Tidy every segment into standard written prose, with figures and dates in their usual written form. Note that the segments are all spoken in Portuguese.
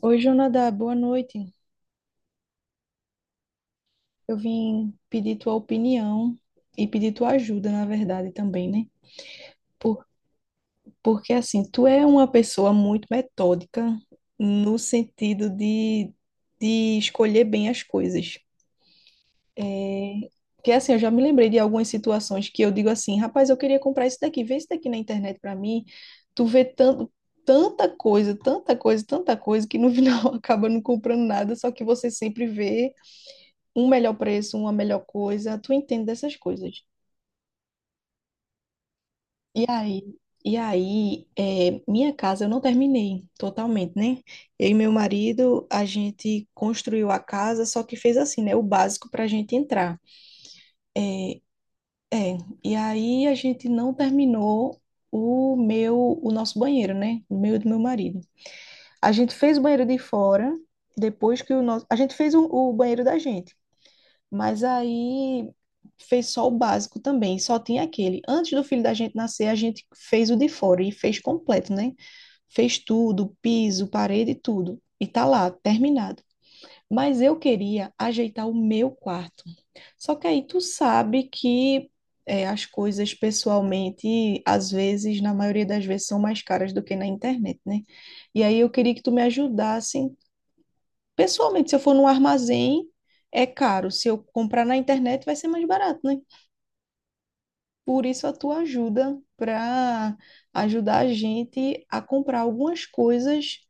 Oi, Jonadá, boa noite. Eu vim pedir tua opinião e pedir tua ajuda, na verdade, também, né? Por, porque, assim, tu é uma pessoa muito metódica no sentido de escolher bem as coisas. É, que, assim, eu já me lembrei de algumas situações que eu digo assim, rapaz, eu queria comprar isso daqui, vê isso daqui na internet pra mim. Tu vê tanta coisa, tanta coisa, tanta coisa, que no final acaba não comprando nada, só que você sempre vê um melhor preço, uma melhor coisa, tu entende dessas coisas. E aí, e aí, minha casa eu não terminei totalmente, né? Eu e meu marido, a gente construiu a casa, só que fez assim, né? O básico para a gente entrar. É, e aí a gente não terminou o nosso banheiro, né? O meu e do meu marido. A gente fez o banheiro de fora, depois que a gente fez o banheiro da gente. Mas aí fez só o básico também, só tinha aquele. Antes do filho da gente nascer, a gente fez o de fora e fez completo, né? Fez tudo, piso, parede, tudo. E tá lá, terminado. Mas eu queria ajeitar o meu quarto. Só que aí tu sabe que as coisas pessoalmente, às vezes, na maioria das vezes, são mais caras do que na internet, né? E aí eu queria que tu me ajudasse. Pessoalmente, se eu for num armazém, é caro. Se eu comprar na internet, vai ser mais barato, né? Por isso a tua ajuda para ajudar a gente a comprar algumas coisas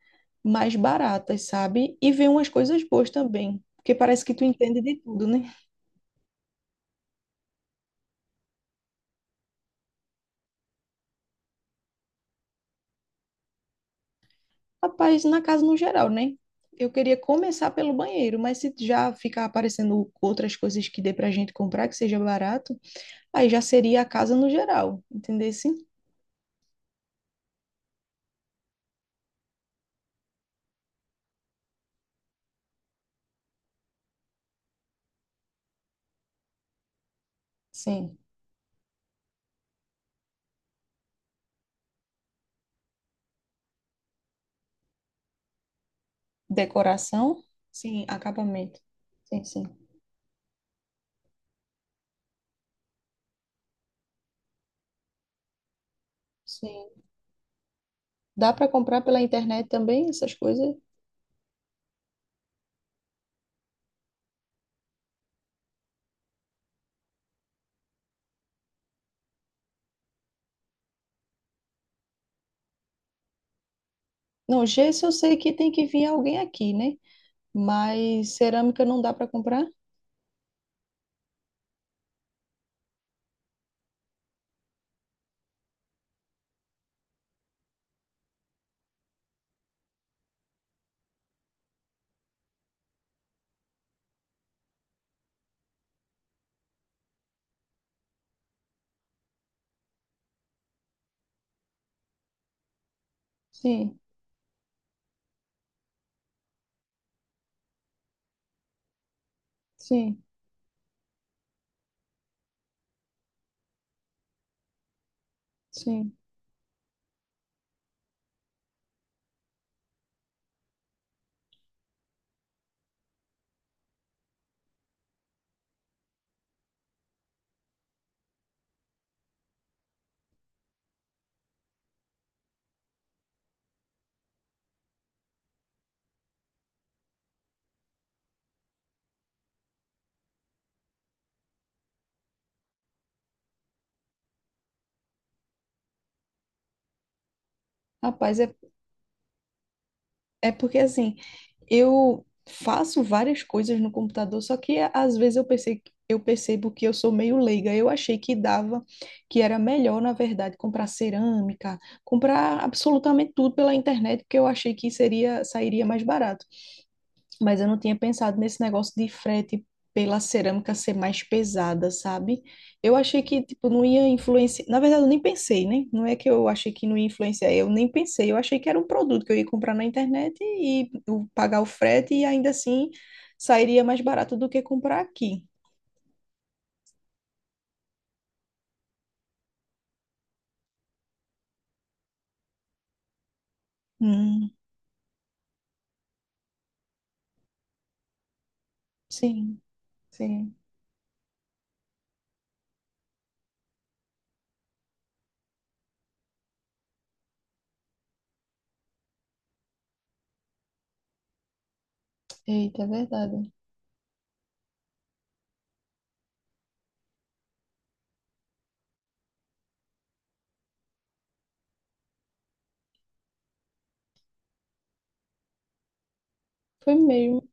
mais baratas, sabe? E ver umas coisas boas também, porque parece que tu entende de tudo, né? Rapaz, na casa no geral, né? Eu queria começar pelo banheiro, mas se já ficar aparecendo outras coisas que dê pra gente comprar que seja barato, aí já seria a casa no geral, entendesse? Sim. Decoração? Sim, acabamento. Sim, sim. Sim. Dá para comprar pela internet também essas coisas? Não, gesso eu sei que tem que vir alguém aqui, né? Mas cerâmica não dá para comprar? Sim, sim, sim. Rapaz, é. É porque assim, eu faço várias coisas no computador, só que às vezes eu pensei, eu percebo que eu sou meio leiga. Eu achei que dava, que era melhor, na verdade, comprar cerâmica, comprar absolutamente tudo pela internet, porque eu achei que seria, sairia mais barato, mas eu não tinha pensado nesse negócio de frete pela cerâmica ser mais pesada, sabe? Eu achei que, tipo, não ia influenciar. Na verdade, eu nem pensei, né? Não é que eu achei que não ia influenciar, eu nem pensei. Eu achei que era um produto que eu ia comprar na internet e eu pagar o frete e ainda assim sairia mais barato do que comprar aqui. Hum, sim, sim. Eita, é verdade. Foi mesmo.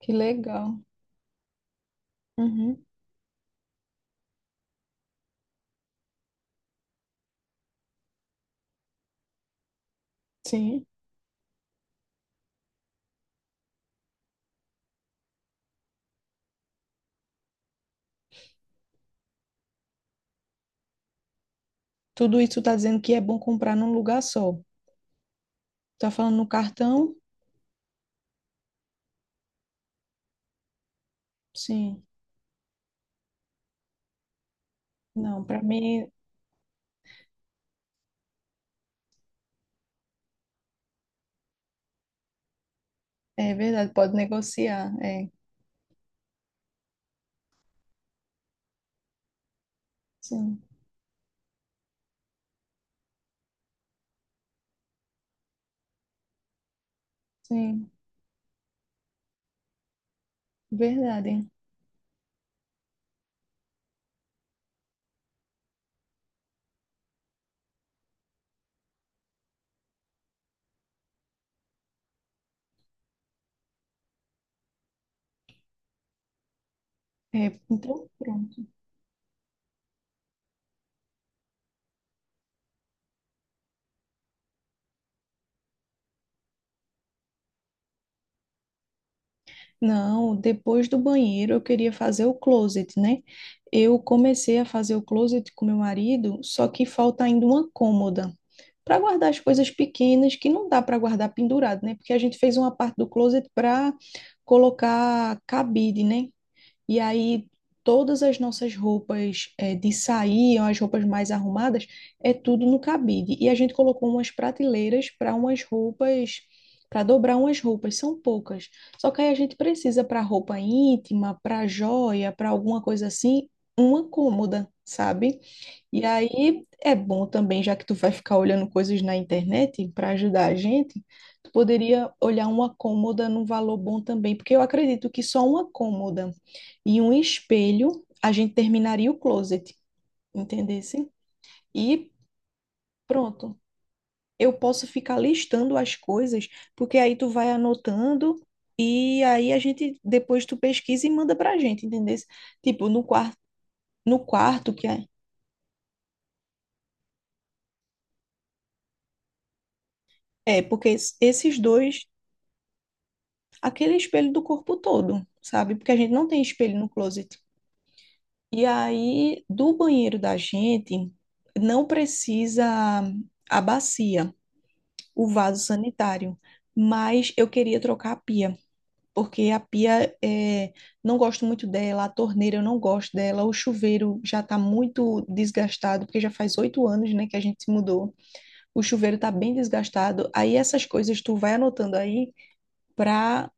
Que legal. Uhum, sim. Tudo isso tá dizendo que é bom comprar num lugar só. Tá falando no cartão? Sim. Não, para mim. É verdade, pode negociar. É, sim, sim, verdade. É, então, pronto. Não, depois do banheiro eu queria fazer o closet, né? Eu comecei a fazer o closet com meu marido, só que falta ainda uma cômoda para guardar as coisas pequenas que não dá para guardar pendurado, né? Porque a gente fez uma parte do closet para colocar cabide, né? E aí todas as nossas roupas de sair, as roupas mais arrumadas, é tudo no cabide. E a gente colocou umas prateleiras para umas roupas, para dobrar umas roupas, são poucas. Só que aí a gente precisa para roupa íntima, para joia, para alguma coisa assim, uma cômoda, sabe? E aí é bom também, já que tu vai ficar olhando coisas na internet para ajudar a gente, tu poderia olhar uma cômoda num valor bom também, porque eu acredito que só uma cômoda e um espelho, a gente terminaria o closet, entendesse? E pronto. Eu posso ficar listando as coisas, porque aí tu vai anotando e aí a gente depois tu pesquisa e manda pra gente, entendesse? Tipo, no quarto que é, é porque esses dois, aquele espelho do corpo todo, sabe? Porque a gente não tem espelho no closet. E aí do banheiro da gente não precisa a bacia, o vaso sanitário, mas eu queria trocar a pia, porque a pia não gosto muito dela, a torneira eu não gosto dela, o chuveiro já está muito desgastado, porque já faz 8 anos, né, que a gente se mudou. O chuveiro está bem desgastado. Aí essas coisas tu vai anotando aí para.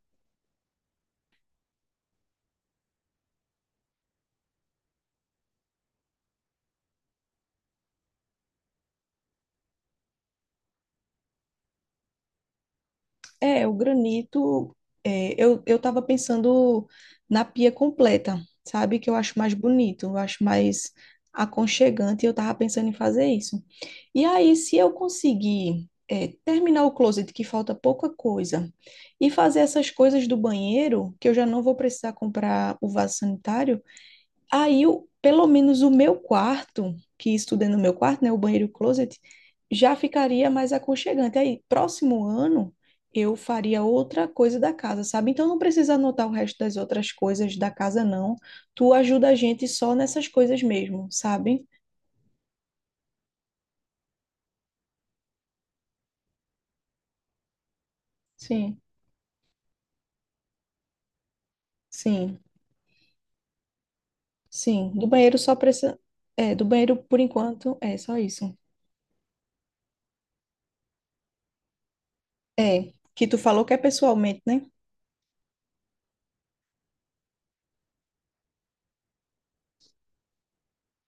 É, o granito, eu tava pensando na pia completa, sabe? Que eu acho mais bonito, eu acho mais aconchegante, e eu tava pensando em fazer isso. E aí, se eu conseguir, terminar o closet, que falta pouca coisa, e fazer essas coisas do banheiro, que eu já não vou precisar comprar o vaso sanitário. Aí, pelo menos o meu quarto, que estudei no meu quarto, né, o banheiro e o closet, já ficaria mais aconchegante. Aí, próximo ano, eu faria outra coisa da casa, sabe? Então, não precisa anotar o resto das outras coisas da casa, não. Tu ajuda a gente só nessas coisas mesmo, sabe? Sim, sim, sim. Do banheiro só precisa. É, do banheiro, por enquanto, é só isso. É, que tu falou que é pessoalmente, né?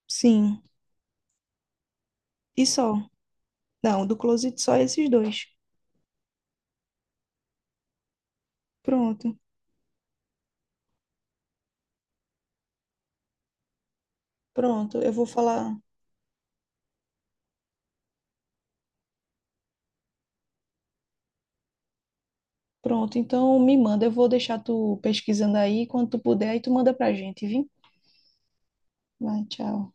Sim, e só. Não, do closet só esses dois. Pronto. Pronto, eu vou falar. Pronto, então me manda. Eu vou deixar tu pesquisando aí. Quando tu puder, aí tu manda pra gente, viu? Vai, tchau.